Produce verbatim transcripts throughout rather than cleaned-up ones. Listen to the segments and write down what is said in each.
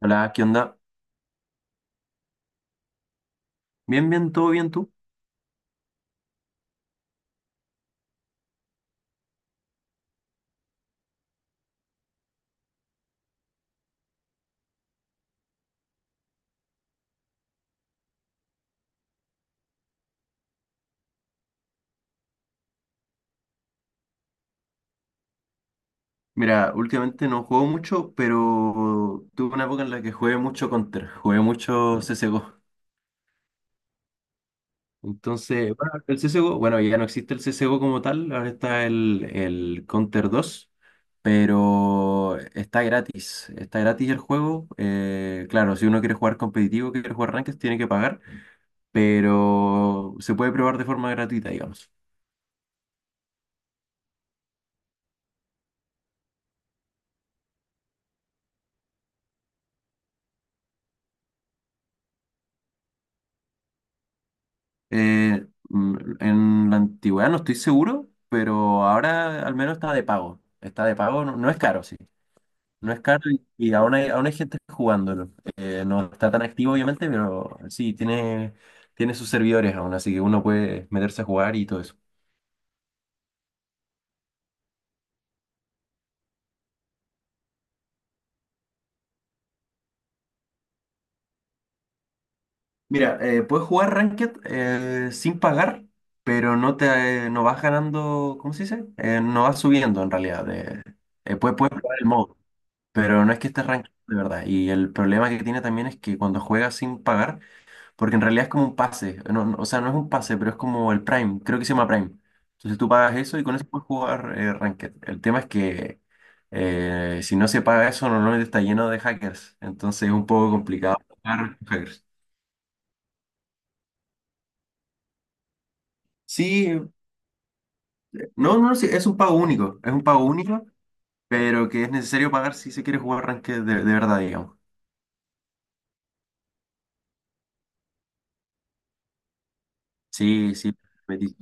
Hola, ¿qué onda? Bien, bien, todo bien, tú. Mira, últimamente no juego mucho, pero tuve una época en la que jugué mucho Counter, jugué mucho C S G O. Entonces, bueno, el C S G O, bueno, ya no existe el C S G O como tal, ahora está el, el Counter dos, pero está gratis, está gratis el juego. Eh, claro, si uno quiere jugar competitivo, quiere jugar ranked, tiene que pagar, pero se puede probar de forma gratuita, digamos. Eh, mm, en la antigüedad no estoy seguro, pero ahora al menos está de pago. Está de pago, no, no es caro, sí. No es caro y, y aún hay, aún hay gente jugándolo. Eh, no está tan activo, obviamente, pero sí, tiene, tiene sus servidores aún, así que uno puede meterse a jugar y todo eso. Mira, eh, puedes jugar Ranked eh, sin pagar, pero no te no vas ganando. ¿Cómo se dice? Eh, no vas subiendo en realidad. eh, eh, puedes, puedes jugar el modo. Pero no es que esté rankeado de verdad. Y el problema que tiene también es que cuando juega sin pagar, porque en realidad es como un pase. no- no, o sea, no es un pase, pero es como el Prime. Creo que se llama Prime. Entonces tú pagas eso y con eso puedes jugar eh, Ranked. El tema es que eh, si no se paga eso, normalmente está lleno de hackers. Entonces es un poco complicado jugar con hackers. Sí, no, no, sí, es un pago único. Es un pago único, pero que es necesario pagar si se quiere jugar Ranked de, de verdad, digamos. Sí, sí. metí-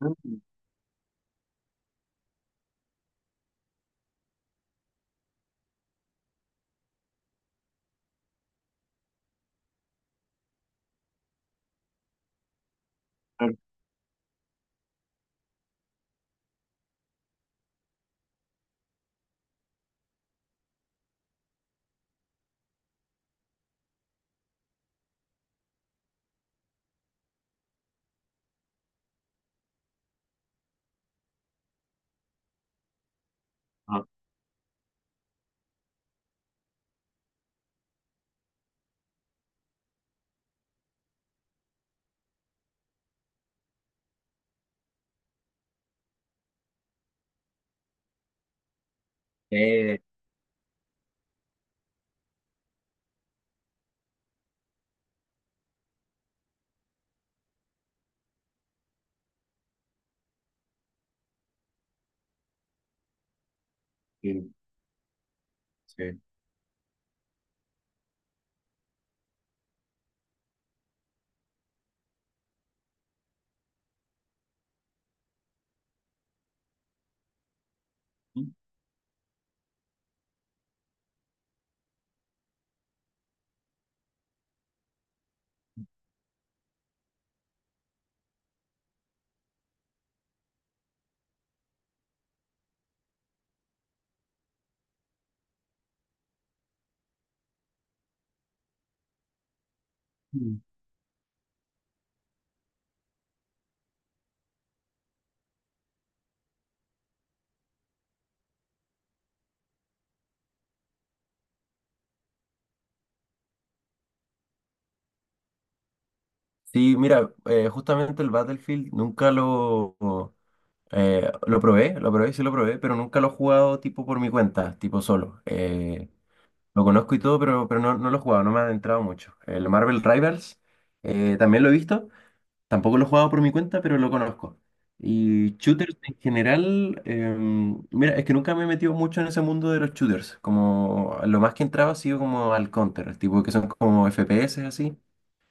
Claro. Eh, sí. Sí. Mm. Sí, mira, eh, justamente el Battlefield nunca lo eh, lo probé, lo probé, sí lo probé, pero nunca lo he jugado tipo por mi cuenta, tipo solo. Eh, lo conozco y todo, pero, pero no, no lo he jugado, no me ha adentrado mucho. El Marvel Rivals eh, también lo he visto. Tampoco lo he jugado por mi cuenta, pero lo conozco. Y shooters en general, em, mira, es que nunca me he metido mucho en ese mundo de los shooters. Como lo más que entraba ha sido como al Counter, tipo que son como F P S así.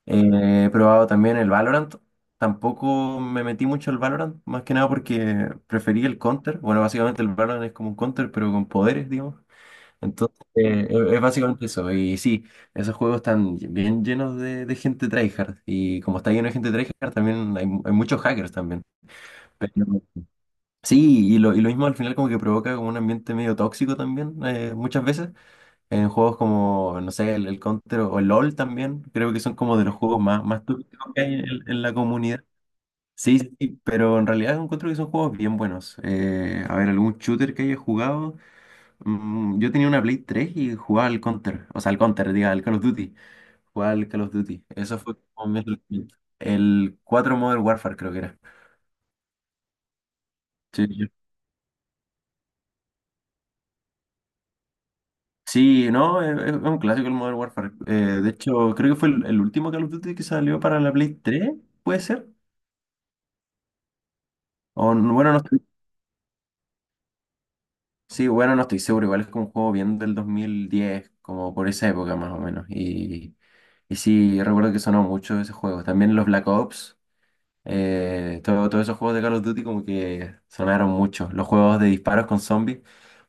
Eh, he probado también el Valorant. Tampoco me metí mucho al Valorant, más que nada porque preferí el Counter. Bueno, básicamente el Valorant es como un Counter, pero con poderes, digamos. Entonces, eh, es es básicamente eso. Y sí, esos juegos están bien llenos de, de gente tryhard. Y como está lleno de gente tryhard, también hay, mu- hay muchos hackers también. Pero sí, y lo, y lo mismo al final como que provoca como un ambiente medio tóxico también, eh, muchas veces. En juegos como, no sé, el, el Counter o el LOL también, creo que son como de los juegos más, más tóxicos que hay en, en la comunidad. Sí, sí, sí, pero en realidad encuentro que son juegos bien buenos. Eh, a ver, algún shooter que haya jugado. Mm, yo tenía una Play tres y jugaba al Counter, o sea, al Counter, diga, al Call of Duty. Jugaba al Call of Duty. Eso fue como mi adolescencia. El cuatro Modern Warfare creo que era. Sí, sí. Sí, no, es, es un clásico el Modern Warfare. Eh, de hecho, creo que fue el, el último Call of Duty que salió para la Play tres, ¿puede ser? O, n- bueno, no estoy, sí, bueno, no estoy seguro. Igual es como un juego bien del dos mil diez, como por esa época más o menos. Y, y sí, recuerdo que sonó mucho ese juego. También los Black Ops. Eh, todo- todos esos juegos de Call of Duty como que sonaron mucho. Los juegos de disparos con zombies.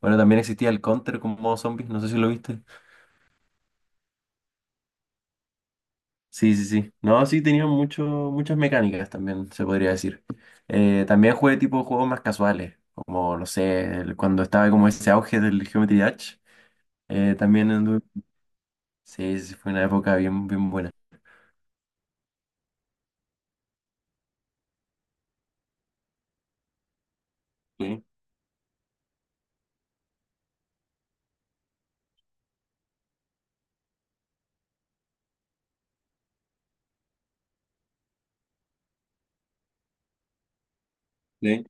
Bueno, también existía el Counter con modo zombies, no sé si lo viste. Sí, sí, sí. No, sí, tenían mucho, muchas mecánicas también, se podría decir. Eh, también jugué tipo juegos más casuales, como, no sé, el- cuando estaba como ese auge del Geometry Dash. eh, también anduve- Sí, sí, sí, fue una época bien, bien buena. Sí, sí,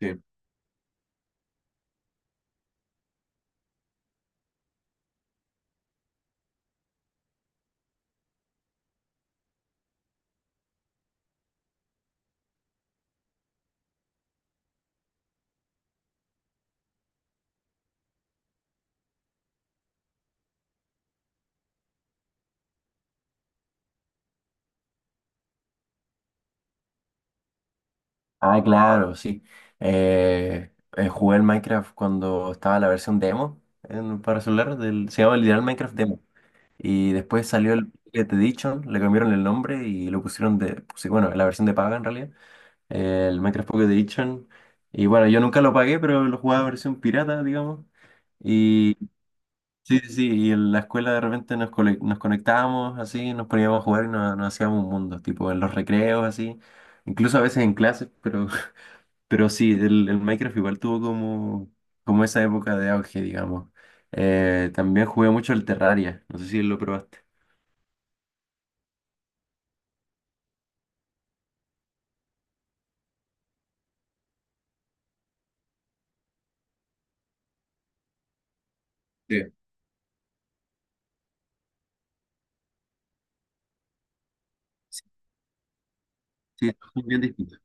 sí. Ah, claro, sí. Eh, eh, jugué el Minecraft cuando estaba la versión demo en- para celular, del, se llama literal Minecraft Demo. Y después salió el Pocket Edition, le cambiaron el nombre y lo pusieron de, pues, bueno, la versión de paga en realidad, eh, el Minecraft Pocket Edition. Y bueno, yo nunca lo pagué, pero lo jugaba versión pirata, digamos. Y sí, sí, sí, y en la escuela de repente nos, cole- nos conectábamos así, nos poníamos a jugar y nos, nos hacíamos un mundo, tipo en los recreos así, incluso a veces en clases, pero pero sí, el, el Minecraft igual tuvo como, como esa época de auge, digamos. Eh, también jugué mucho el Terraria, no sé si lo probaste. Sí, sí. Sí, bien distinto.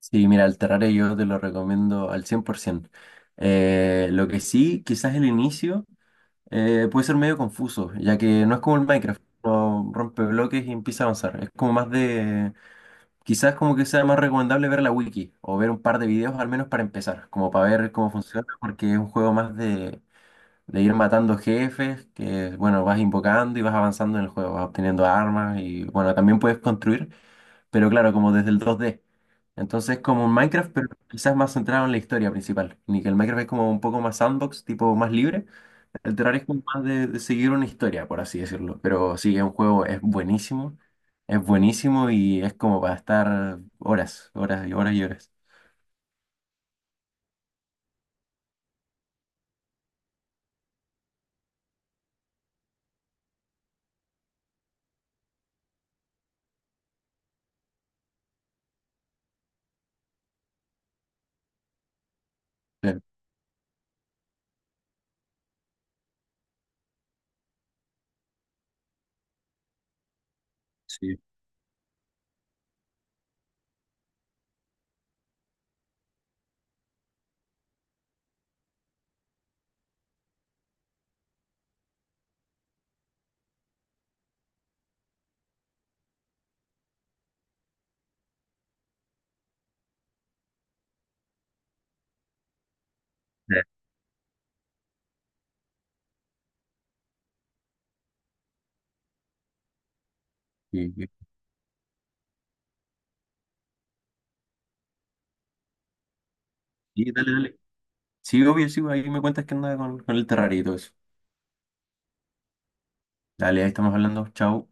Sí, mira, el Terraria yo te lo recomiendo al cien por ciento. Eh, lo que sí, quizás el inicio eh, puede ser medio confuso, ya que no es como el Minecraft, uno rompe bloques y empieza a avanzar. Es como más de, quizás como que sea más recomendable ver la wiki o ver un par de videos al menos para empezar, como para ver cómo funciona, porque es un juego más de de ir matando jefes que, bueno, vas invocando y vas avanzando en el juego, vas obteniendo armas y, bueno, también puedes construir, pero claro, como desde el dos D. Entonces, como un Minecraft, pero quizás más centrado en la historia principal. Ni que el Minecraft es como un poco más sandbox, tipo más libre. El Terraria es como más de, de seguir una historia, por así decirlo. Pero sí, es un juego, es buenísimo. Es buenísimo y es como para estar horas, horas y horas y horas. Claro. Sí. Sí, sí. Sí, dale, dale. Sí, obvio, sí, ahí me cuentas que anda con, con el Terraria y todo eso. Dale, ahí estamos hablando. Chau.